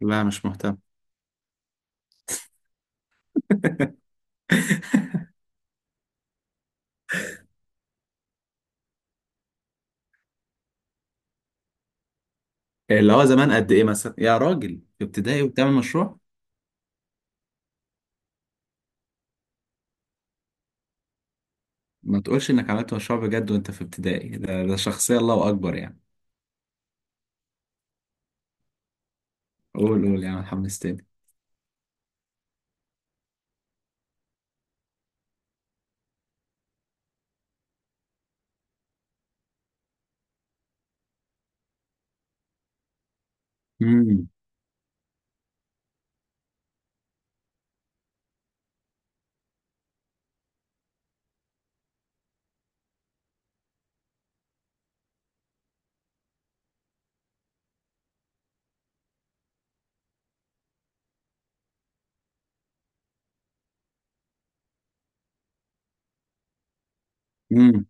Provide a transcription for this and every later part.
لا مش مهتم. اللي هو زمان قد ايه مثلا يا راجل في ابتدائي وبتعمل مشروع؟ ما تقولش انك عملت مشروع بجد وانت في ابتدائي ده شخصية الله اكبر يعني. قول قول يا عم حمستني. امم. امم.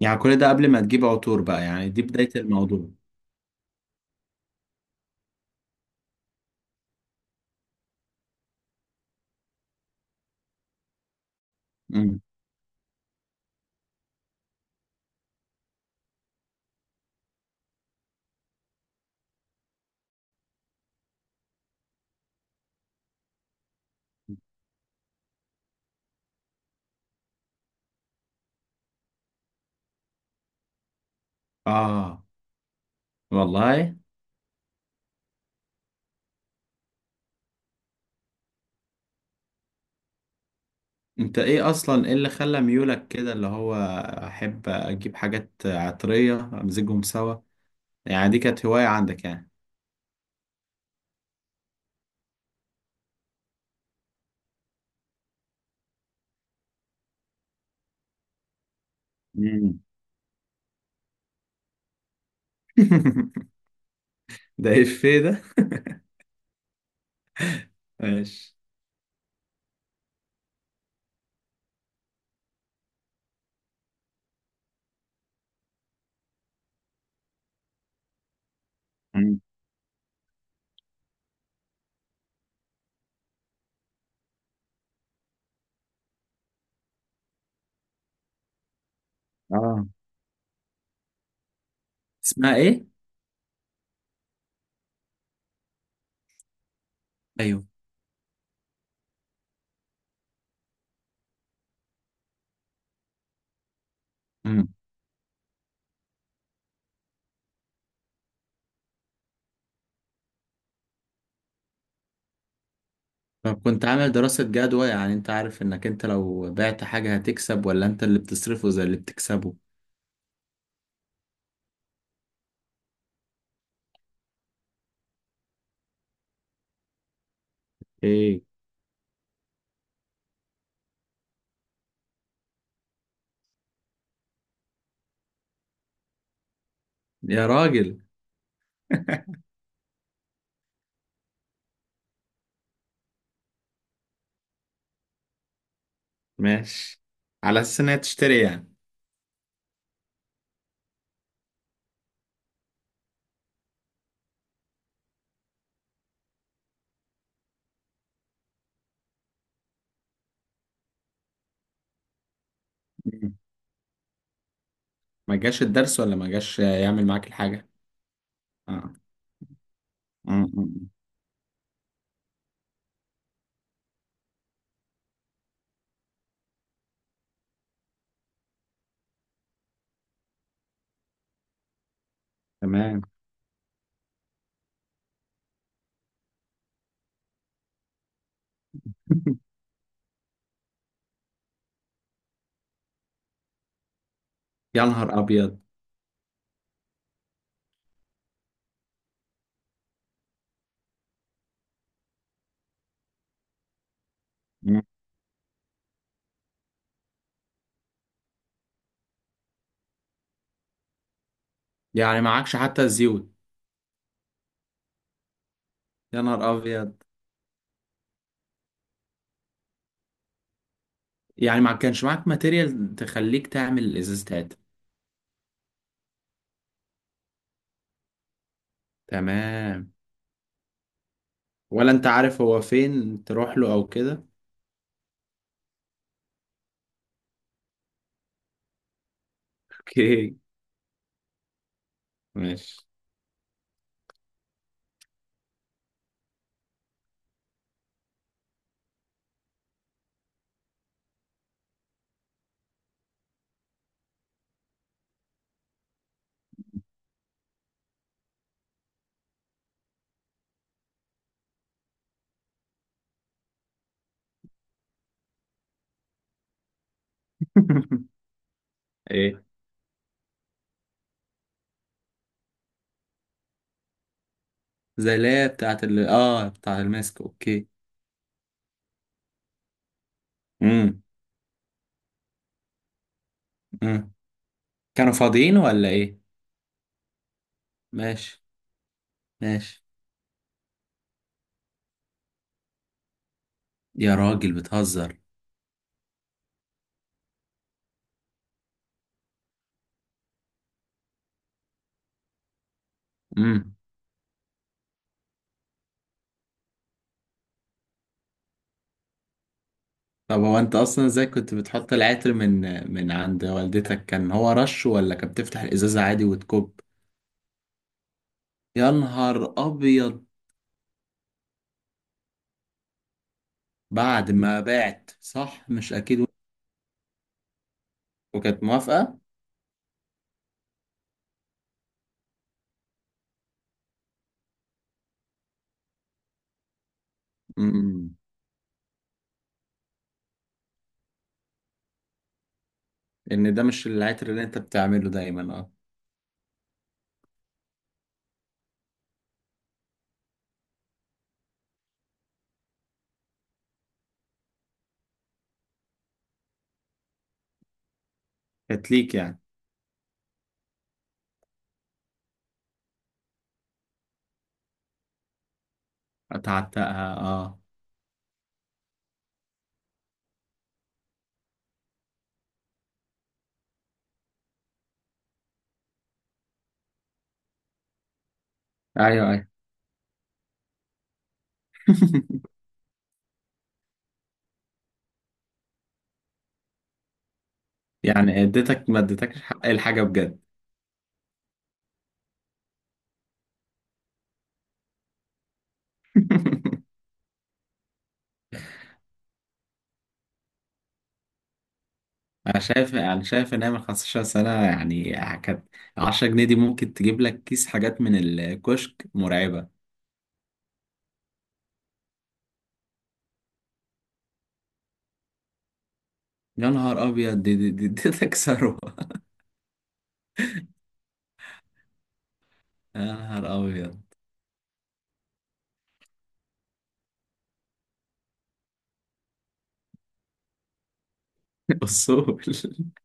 يعني كل ده قبل ما تجيب عطور بقى؟ يعني دي بداية الموضوع؟ امم. اه والله. انت ايه اصلا ايه اللي خلى ميولك كده اللي هو احب اجيب حاجات عطرية امزجهم سوا؟ يعني دي كانت هواية عندك يعني؟ امم. ده ايه ده؟ ماشي. مم. اه، اسمها ايه؟ ايوه. امم. فكنت عامل دراسة جدوى؟ يعني انت عارف انك انت لو بعت حاجة هتكسب ولا انت اللي بتصرفه زي اللي بتكسبه؟ ايه. يا راجل. ماشي. على اساس انها تشتري يعني؟ مم. ما جاش الدرس ولا ما جاش يعمل معاك الحاجه؟ اه. مم. مم. تمام. يا نهار ابيض. مم. يعني معكش حتى الزيوت؟ يا نهار ابيض، يعني ما كانش معاك ماتيريال تخليك تعمل الازاز تاتا. تمام. ولا انت عارف هو فين تروح له او كده؟ اوكي. ماشي. ايه، زي اللي هي بتاعت ال اه بتاعت الماسك. اوكي. امم. امم. كانوا فاضيين ولا ايه؟ ماشي. ماشي. يا راجل بتهزر. امم. طب هو انت اصلا ازاي كنت بتحط العطر من عند والدتك؟ كان هو رش ولا كان بتفتح الازازة عادي وتكب؟ يا نهار ابيض. بعد ما بعت، صح؟ مش اكيد. وكانت موافقة؟ امم. ان ده مش العطر اللي انت بتعمله دايما؟ اه. كانت ليك يعني؟ اتعتقها، اه. ايوه، ايوه. يعني اديتك ما اديتكش حق الحاجه بجد. انا شايف ان هي من 15 سنه يعني، كانت 10 جنيه دي ممكن تجيب لك كيس حاجات من الكشك مرعبه. يا نهار ابيض، دي تكسره. يا نهار ابيض. اصول.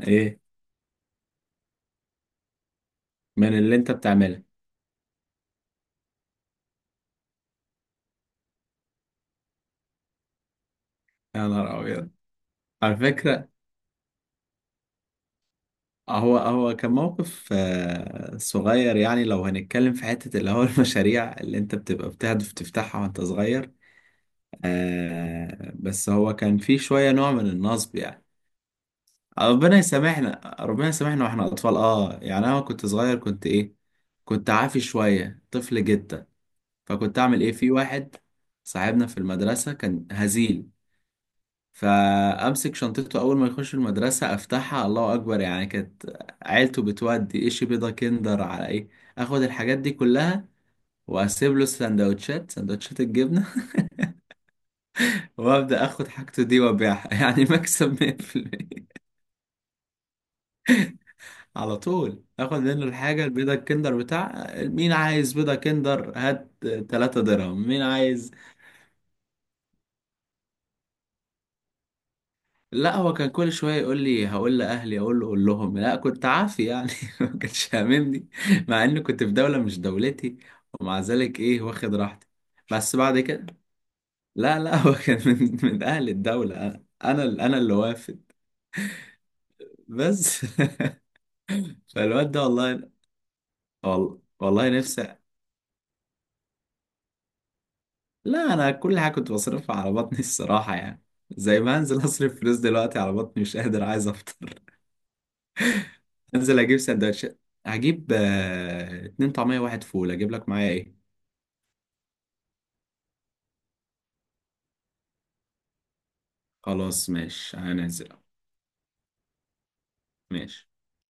ايه. من اللي انت بتعمله؟ يا نهار ابيض. على فكره، هو كان موقف صغير. يعني لو هنتكلم في حتة اللي هو المشاريع اللي انت بتبقى بتهدف تفتحها وانت صغير. بس هو كان في شوية نوع من النصب يعني. ربنا يسامحنا، ربنا يسامحنا، واحنا اطفال. اه يعني انا كنت صغير، كنت ايه؟ كنت عافي شوية، طفل جدا. فكنت اعمل ايه في واحد صاحبنا في المدرسة كان هزيل. فامسك شنطته اول ما يخش المدرسه افتحها، الله اكبر يعني، كانت عيلته بتودي ايش. بيضه كندر، على ايه. اخد الحاجات دي كلها، واسيب له سندوتشات، سندوتشات الجبنه. وابدا اخد حاجته دي وابيعها. يعني مكسب 100%. على طول اخد منه الحاجه البيضه، الكندر، بتاع مين عايز بيضه كندر؟ هات 3 درهم. مين عايز؟ لا، هو كان كل شويه يقول لي هقول لاهلي، اقول له قول لهم، لا كنت عافي يعني. ما كانش هاممني مع اني كنت في دوله مش دولتي، ومع ذلك ايه واخد راحتي. بس بعد كده. لا لا. هو كان من اهل الدوله، انا اللي وافد. بس. فالواد ده والله. والله نفسي. لا انا كل حاجه كنت بصرفها على بطني الصراحه يعني، زي ما هنزل اصرف فلوس دلوقتي على بطني مش قادر عايز. انزل اجيب سندوتشات. هجيب اتنين طعمية واحد فول. اجيب لك معايا ايه؟ خلاص ماشي، هنزل. ماشي.